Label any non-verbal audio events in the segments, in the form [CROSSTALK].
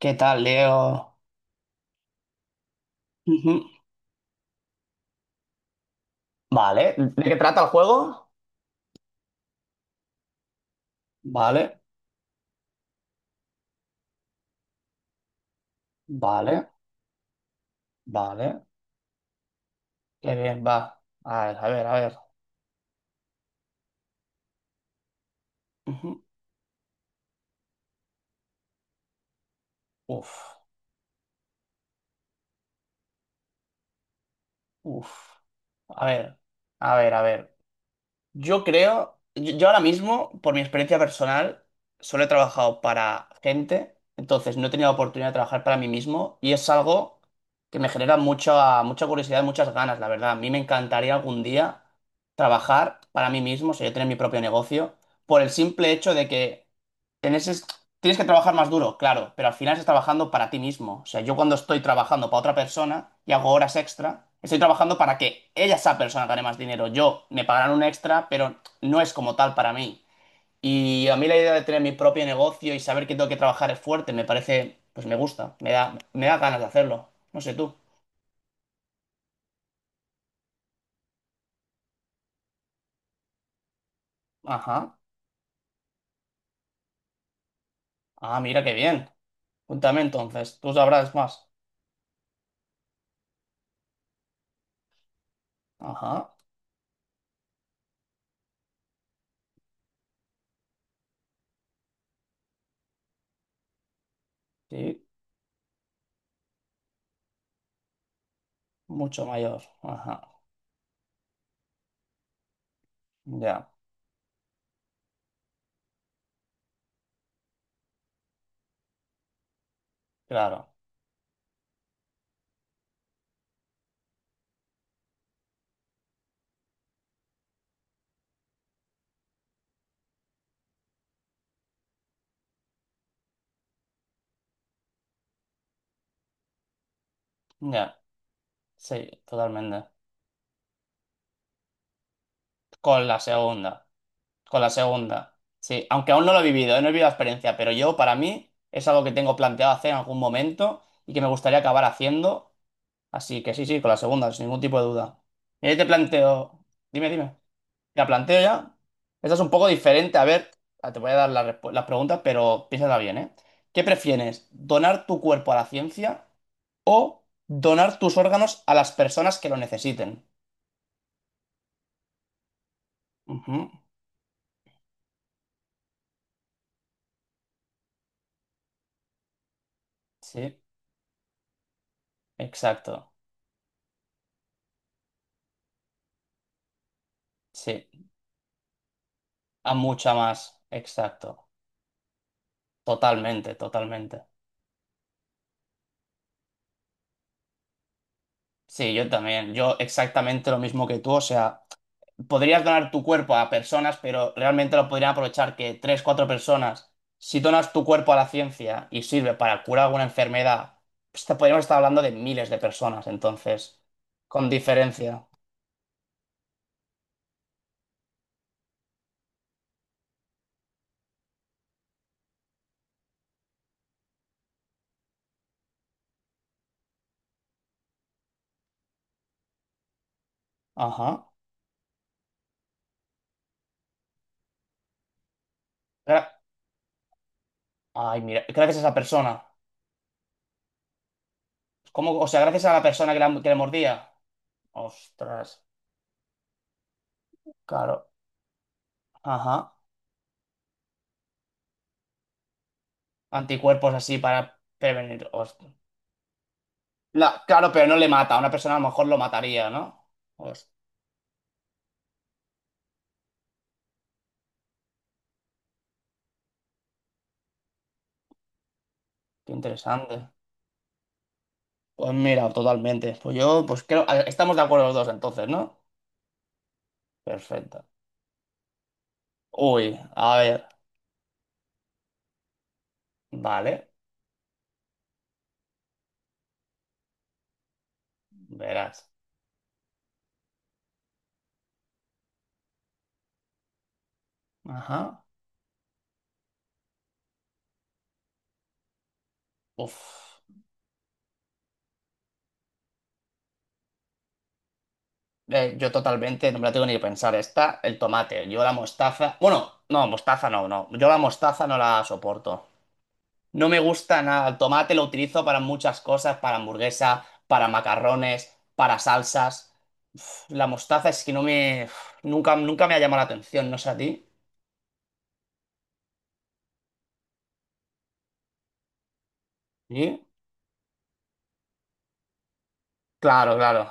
¿Qué tal, Leo? Ujú. Vale, ¿de qué trata el juego? Vale, vale, vale. Qué bien, va. A ver, a ver, a ver. Ujú. Uf, uf. A ver, a ver, a ver. Yo creo, yo ahora mismo, por mi experiencia personal, solo he trabajado para gente, entonces no he tenido la oportunidad de trabajar para mí mismo y es algo que me genera mucha, mucha curiosidad, muchas ganas, la verdad. A mí me encantaría algún día trabajar para mí mismo, o sea, yo tener mi propio negocio, por el simple hecho de que en ese, tienes que trabajar más duro, claro, pero al final estás trabajando para ti mismo. O sea, yo cuando estoy trabajando para otra persona y hago horas extra, estoy trabajando para que ella, esa persona, gane más dinero. Yo me pagarán un extra, pero no es como tal para mí. Y a mí la idea de tener mi propio negocio y saber que tengo que trabajar es fuerte, me parece, pues me gusta, me da ganas de hacerlo. No sé tú. Ajá. Ah, mira qué bien. Cuéntame entonces, tú sabrás más. Ajá. Sí, mucho mayor. Ajá. Ya, claro. Ya, sí, totalmente. Con la segunda, con la segunda. Sí, aunque aún no lo he vivido, no he vivido la experiencia, pero yo para mí es algo que tengo planteado hacer en algún momento y que me gustaría acabar haciendo. Así que sí, sí, con la segunda, sin ningún tipo de duda. Mira, yo te planteo, dime, dime, te la planteo ya. Esta es un poco diferente, a ver, te voy a dar las preguntas, pero piénsala bien, ¿eh? ¿Qué prefieres, donar tu cuerpo a la ciencia o donar tus órganos a las personas que lo necesiten? Ujú. Sí, exacto. Sí. A mucha más, exacto. Totalmente, totalmente. Sí, yo también. Yo exactamente lo mismo que tú. O sea, podrías donar tu cuerpo a personas, pero realmente lo podrían aprovechar que tres, cuatro personas. Si donas tu cuerpo a la ciencia y sirve para curar alguna enfermedad, pues te podríamos estar hablando de miles de personas, entonces. Con diferencia. Ajá. Gra- Ay, mira, gracias a esa persona. ¿Cómo? O sea, gracias a la persona que, que le mordía. Ostras, claro. Ajá. Anticuerpos así para prevenir. Claro, pero no le mata. A una persona a lo mejor lo mataría, ¿no? Pues, qué interesante. Pues mira, totalmente. Pues yo, pues creo. Estamos de acuerdo los dos entonces, ¿no? Perfecto. Uy, a ver. Vale. Verás. Ajá. Uf. Yo totalmente, no me la tengo ni que pensar. Esta, el tomate. Yo la mostaza. Bueno, no, mostaza no, no. Yo la mostaza no la soporto. No me gusta nada. El tomate lo utilizo para muchas cosas, para hamburguesa, para macarrones, para salsas. Uf, la mostaza es que no me, uf, nunca, nunca me ha llamado la atención, no sé a ti. ¿Sí? Claro, claro.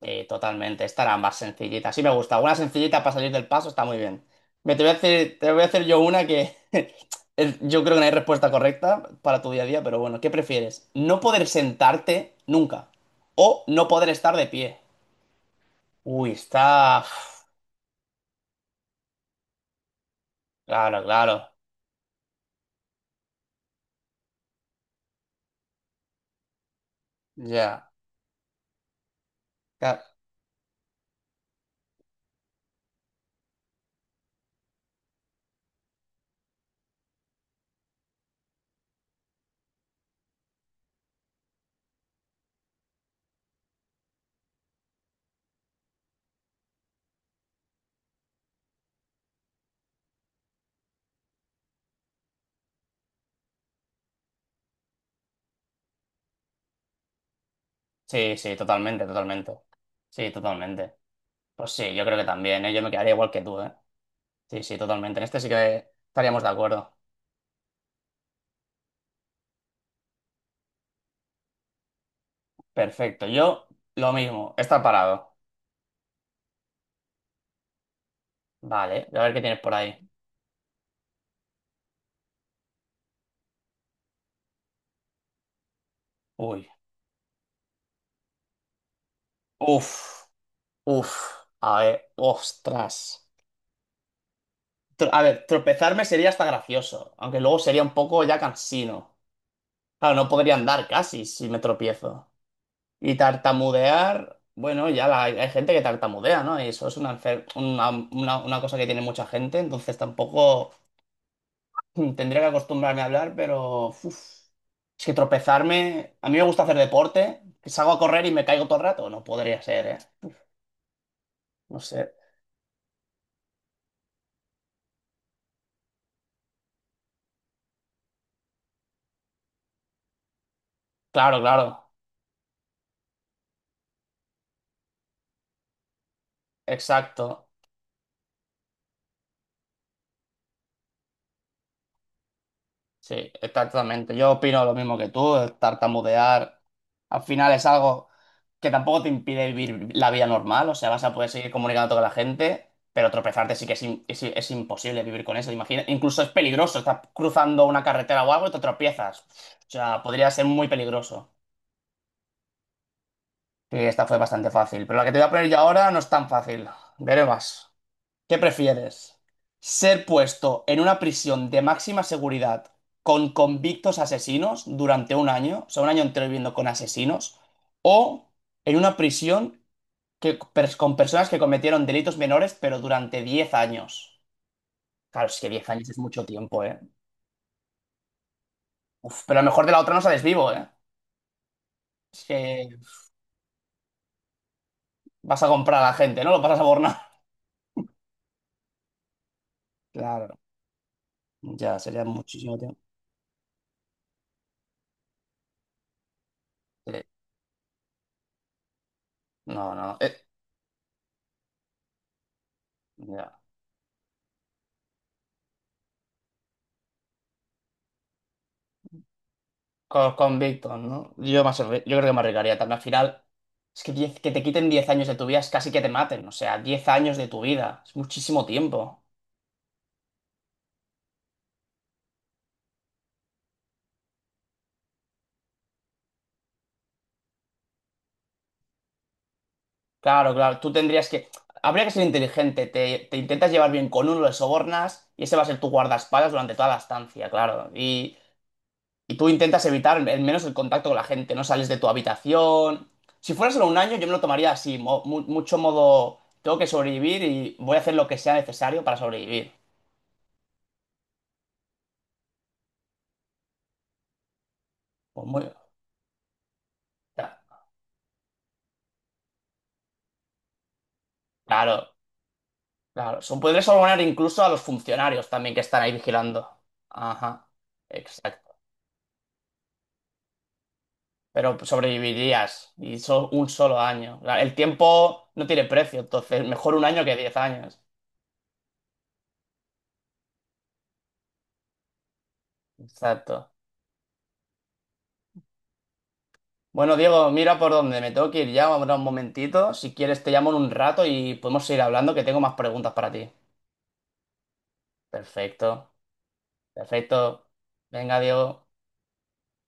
Totalmente. Esta era más sencillita. Sí me gusta. Una sencillita para salir del paso está muy bien. Me te voy a hacer, te voy a hacer yo una que [LAUGHS] yo creo que no hay respuesta correcta para tu día a día, pero bueno, ¿qué prefieres? ¿No poder sentarte nunca o no poder estar de pie? Uy, está... Claro, claro. Ya. Ca- Sí, sí, totalmente, totalmente. Sí, totalmente. Pues sí, yo creo que también, ¿eh? Yo me quedaría igual que tú, ¿eh? Sí, sí, totalmente. En este sí que estaríamos de acuerdo. Perfecto. Yo, lo mismo. Está parado. Vale, a ver qué tienes por ahí. Uy. Uf. Uf. A ver. Ostras. A ver, tropezarme sería hasta gracioso, aunque luego sería un poco ya cansino. Claro, no podría andar casi si me tropiezo. Y tartamudear, bueno, hay gente que tartamudea, ¿no? Y eso es una, enfer- una cosa que tiene mucha gente, entonces tampoco [LAUGHS] tendría que acostumbrarme a hablar, pero uf, es que tropezarme, a mí me gusta hacer deporte, que salgo a correr y me caigo todo el rato, no podría ser, ¿eh? No sé. Claro, claro, exacto. Sí, exactamente. Yo opino lo mismo que tú. El tartamudear al final es algo que tampoco te impide vivir la vida normal. O sea, vas a poder seguir comunicándote con la gente, pero tropezarte sí que es imposible vivir con eso. Imagina, incluso es peligroso. Estás cruzando una carretera o algo y te tropiezas. O sea, podría ser muy peligroso. Sí, esta fue bastante fácil. Pero la que te voy a poner yo ahora no es tan fácil. Veré más. ¿Qué prefieres? ¿Ser puesto en una prisión de máxima seguridad con convictos asesinos durante un año, o sea, un año entero viviendo con asesinos, o en una prisión que, con personas que cometieron delitos menores, pero durante 10 años? Claro, es que 10 años es mucho tiempo, ¿eh? Uf, pero a lo mejor de la otra no sales vivo, ¿eh? Es que vas a comprar a la gente, ¿no? Lo vas a borrar. [LAUGHS] Claro, ya sería muchísimo tiempo. Eh, no, no. Ya. Con Víctor, ¿no? Yo creo que me arriesgaría también. Al final, es que, 10 que te quiten 10 años de tu vida es casi que te maten. O sea, 10 años de tu vida. Es muchísimo tiempo. Claro, claro. Tú tendrías que... Habría que ser inteligente. Te intentas llevar bien con uno, le sobornas y ese va a ser tu guardaespaldas durante toda la estancia, claro. Y tú intentas evitar al menos el contacto con la gente. No sales de tu habitación. Si fuera solo un año, yo me lo tomaría así. Tengo que sobrevivir y voy a hacer lo que sea necesario para sobrevivir. Pues muy... Claro, claro. Podrías abonar incluso a los funcionarios también que están ahí vigilando. Ajá, exacto. Pero sobrevivirías y un solo año. Claro, el tiempo no tiene precio, entonces mejor un año que 10 años. Exacto. Bueno, Diego, mira por dónde me tengo que ir ya, ahora un momentito. Si quieres, te llamo en un rato y podemos seguir hablando, que tengo más preguntas para ti. Perfecto, perfecto. Venga, Diego.